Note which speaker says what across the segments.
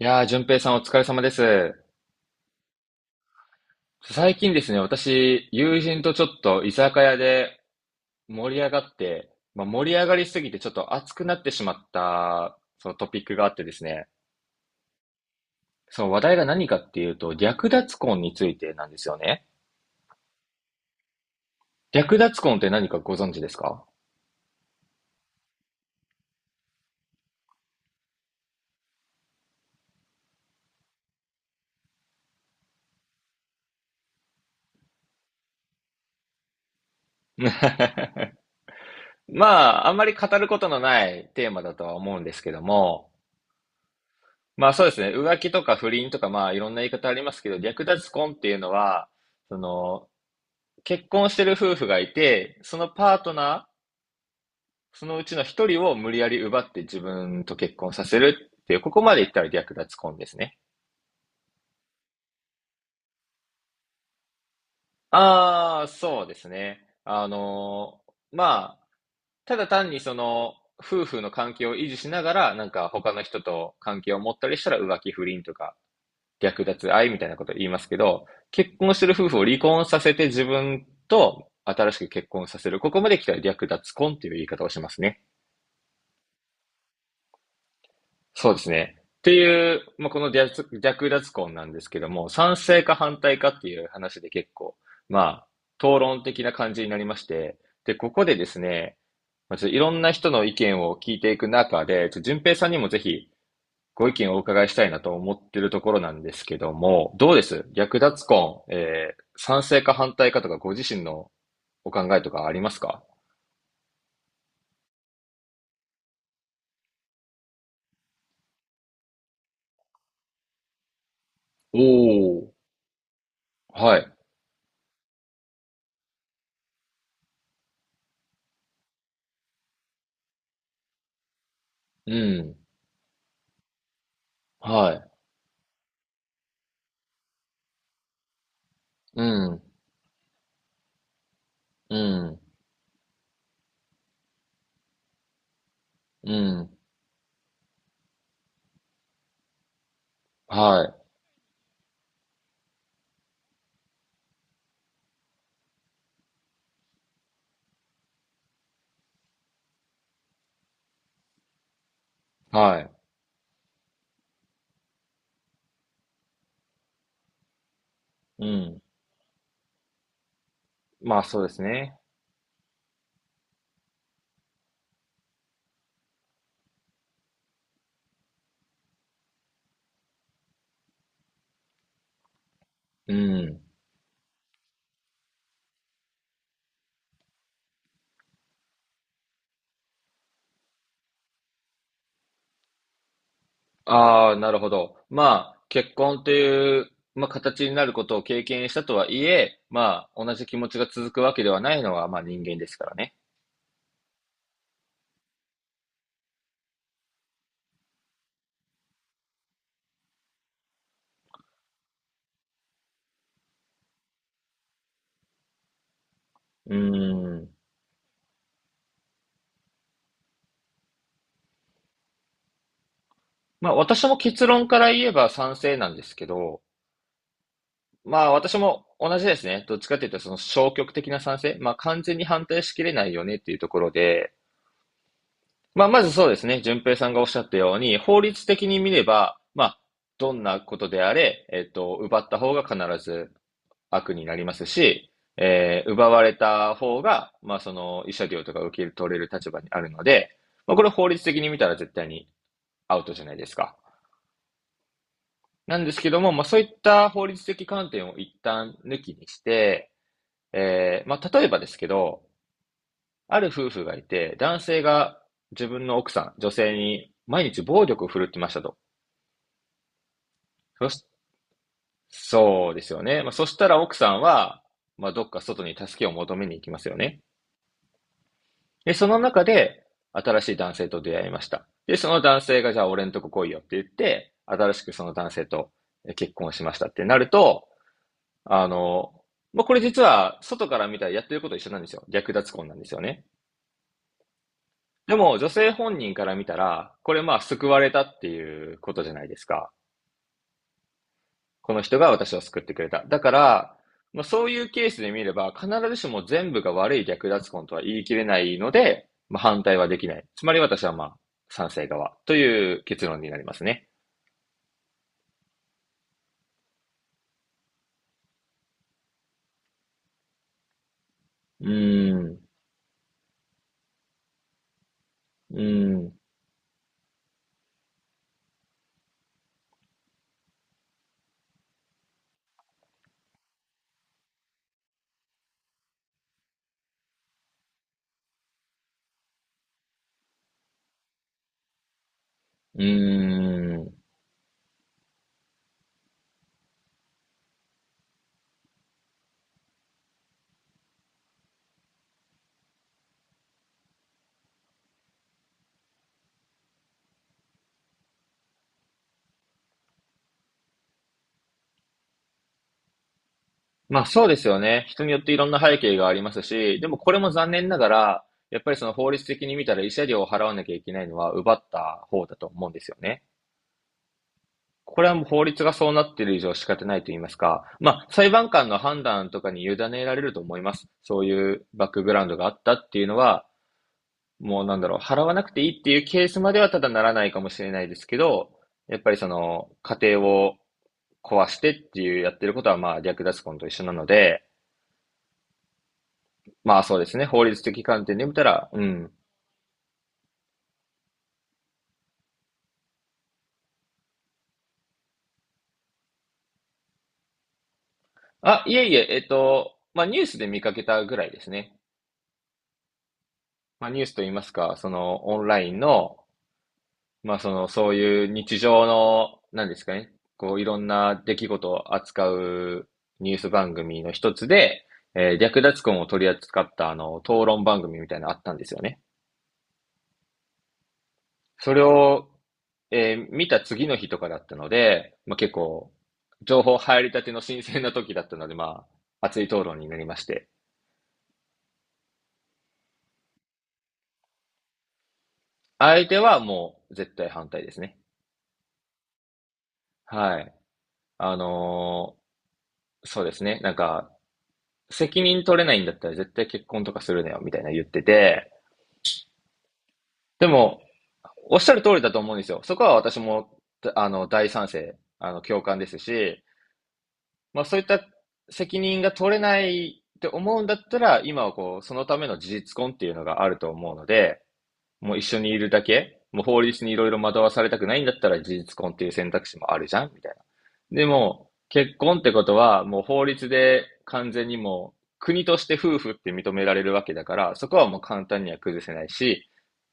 Speaker 1: いやー、淳平さんお疲れ様です。最近ですね、私、友人とちょっと居酒屋で盛り上がって、まあ、盛り上がりすぎてちょっと熱くなってしまった、そのトピックがあってですね、その話題が何かっていうと、略奪婚についてなんですよね。略奪婚って何かご存知ですか？ まあ、あんまり語ることのないテーマだとは思うんですけども、まあそうですね、浮気とか不倫とかまあいろんな言い方ありますけど、略奪婚っていうのは、その、結婚してる夫婦がいて、そのパートナー、そのうちの一人を無理やり奪って自分と結婚させるっていう、ここまで言ったら略奪婚ですね。ああ、そうですね。まあ、ただ単にその、夫婦の関係を維持しながら、なんか他の人と関係を持ったりしたら浮気不倫とか、略奪愛みたいなことを言いますけど、結婚してる夫婦を離婚させて自分と新しく結婚させる。ここまで来たら略奪婚っていう言い方をしますね。そうですね。っていう、まあ、この略奪婚なんですけども、賛成か反対かっていう話で結構、まあ、討論的な感じになりまして、で、ここでですね、まあ、ちょっといろんな人の意見を聞いていく中で、ちょっと順平さんにもぜひご意見をお伺いしたいなと思ってるところなんですけども、どうです略奪婚、賛成か反対かとかご自身のお考えとかありますか？おお、はい。うん。はい。うん。うん。うん。はい、はい。うん。まあそうですね。うん。ああ、なるほど。まあ、結婚という、まあ、形になることを経験したとはいえ、まあ、同じ気持ちが続くわけではないのは、まあ人間ですからね。うん。まあ私も結論から言えば賛成なんですけど、まあ私も同じですね。どっちかというとその消極的な賛成、まあ完全に反対しきれないよねっていうところで、まあ、まずそうですね。順平さんがおっしゃったように、法律的に見れば、まあ、どんなことであれ、奪った方が必ず悪になりますし、奪われた方が、まあ、その、慰謝料とか受け取れる立場にあるので、まあ、これ法律的に見たら絶対にアウトじゃないですか。なんですけども、まあ、そういった法律的観点を一旦抜きにして、まあ、例えばですけど、ある夫婦がいて、男性が自分の奥さん、女性に毎日暴力を振るってましたと。そし、そうですよね。まあ、そしたら奥さんは、まあ、どっか外に助けを求めに行きますよね。で、その中で、新しい男性と出会いました。で、その男性が、じゃあ俺んとこ来いよって言って、新しくその男性と結婚しましたってなると、あの、まあ、これ実は、外から見たらやってること一緒なんですよ。略奪婚なんですよね。でも、女性本人から見たら、これまあ、救われたっていうことじゃないですか。この人が私を救ってくれた。だから、まあ、そういうケースで見れば、必ずしも全部が悪い略奪婚とは言い切れないので、まあ、反対はできない。つまり私はまあ、賛成側という結論になりますね。うーん、うーん、うーん。まあそうですよね。人によっていろんな背景がありますし、でもこれも残念ながら、やっぱりその法律的に見たら慰謝料を払わなきゃいけないのは奪った方だと思うんですよね。これはもう法律がそうなっている以上仕方ないと言いますか、まあ、裁判官の判断とかに委ねられると思います。そういうバックグラウンドがあったっていうのは、もうなんだろう、払わなくていいっていうケースまではただならないかもしれないですけど、やっぱりその、家庭を壊してっていうやってることは、まあ、略奪婚と一緒なので、まあそうですね、法律的観点で見たら、うん。あ、いえいえ、まあニュースで見かけたぐらいですね。まあニュースと言いますか、そのオンラインの、まあ、その、そういう日常の、なんですかね、こう、いろんな出来事を扱うニュース番組の一つで、略奪婚を取り扱った、討論番組みたいなのあったんですよね。それを、見た次の日とかだったので、まあ、結構、情報入りたての新鮮な時だったので、まあ、熱い討論になりまして。相手はもう絶対反対ですね。はい。あのーそうですね。なんか、責任取れないんだったら絶対結婚とかするなよ、みたいな言ってて、でも、おっしゃる通りだと思うんですよ。そこは私も、大賛成、共感ですし、まあそういった責任が取れないって思うんだったら、今はこう、そのための事実婚っていうのがあると思うので、もう一緒にいるだけもう法律にいろいろ惑わされたくないんだったら事実婚っていう選択肢もあるじゃんみたいな。でも、結婚ってことは、もう法律で完全にもう国として夫婦って認められるわけだから、そこはもう簡単には崩せないし、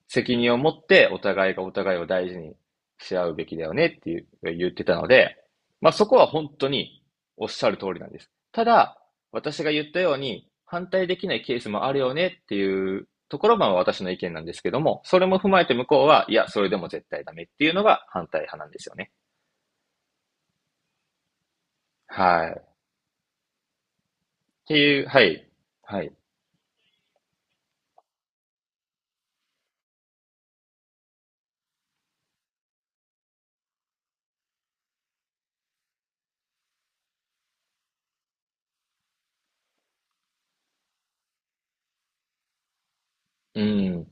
Speaker 1: 責任を持ってお互いがお互いを大事にし合うべきだよねっていう言ってたので、まあそこは本当におっしゃる通りなんです。ただ、私が言ったように反対できないケースもあるよねっていうところが私の意見なんですけども、それも踏まえて向こうは、いや、それでも絶対ダメっていうのが反対派なんですよね。はい。っていう、はい。はい。うん。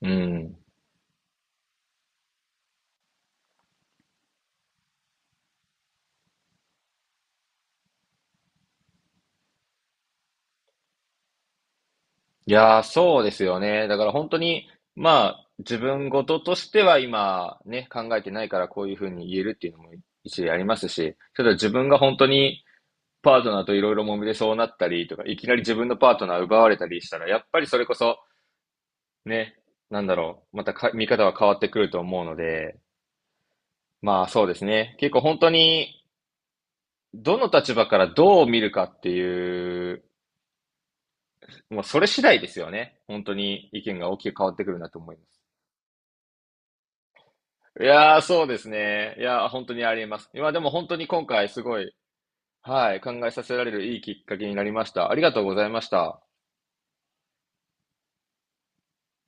Speaker 1: うん。いやー、そうですよね。だから本当に、まあ、自分事としては今、ね、考えてないからこういうふうに言えるっていうのも一理ありますし、ただ自分が本当にパートナーといろいろ揉めてそうなったりとか、いきなり自分のパートナー奪われたりしたら、やっぱりそれこそ、ね、なんだろう、またか見方は変わってくると思うので、まあそうですね。結構本当に、どの立場からどう見るかっていう、もうそれ次第ですよね。本当に意見が大きく変わってくるなと思います。いやー、そうですね。いやー、本当にありえます。いや、でも本当に今回すごい、はい、考えさせられるいいきっかけになりました。ありがとうございました。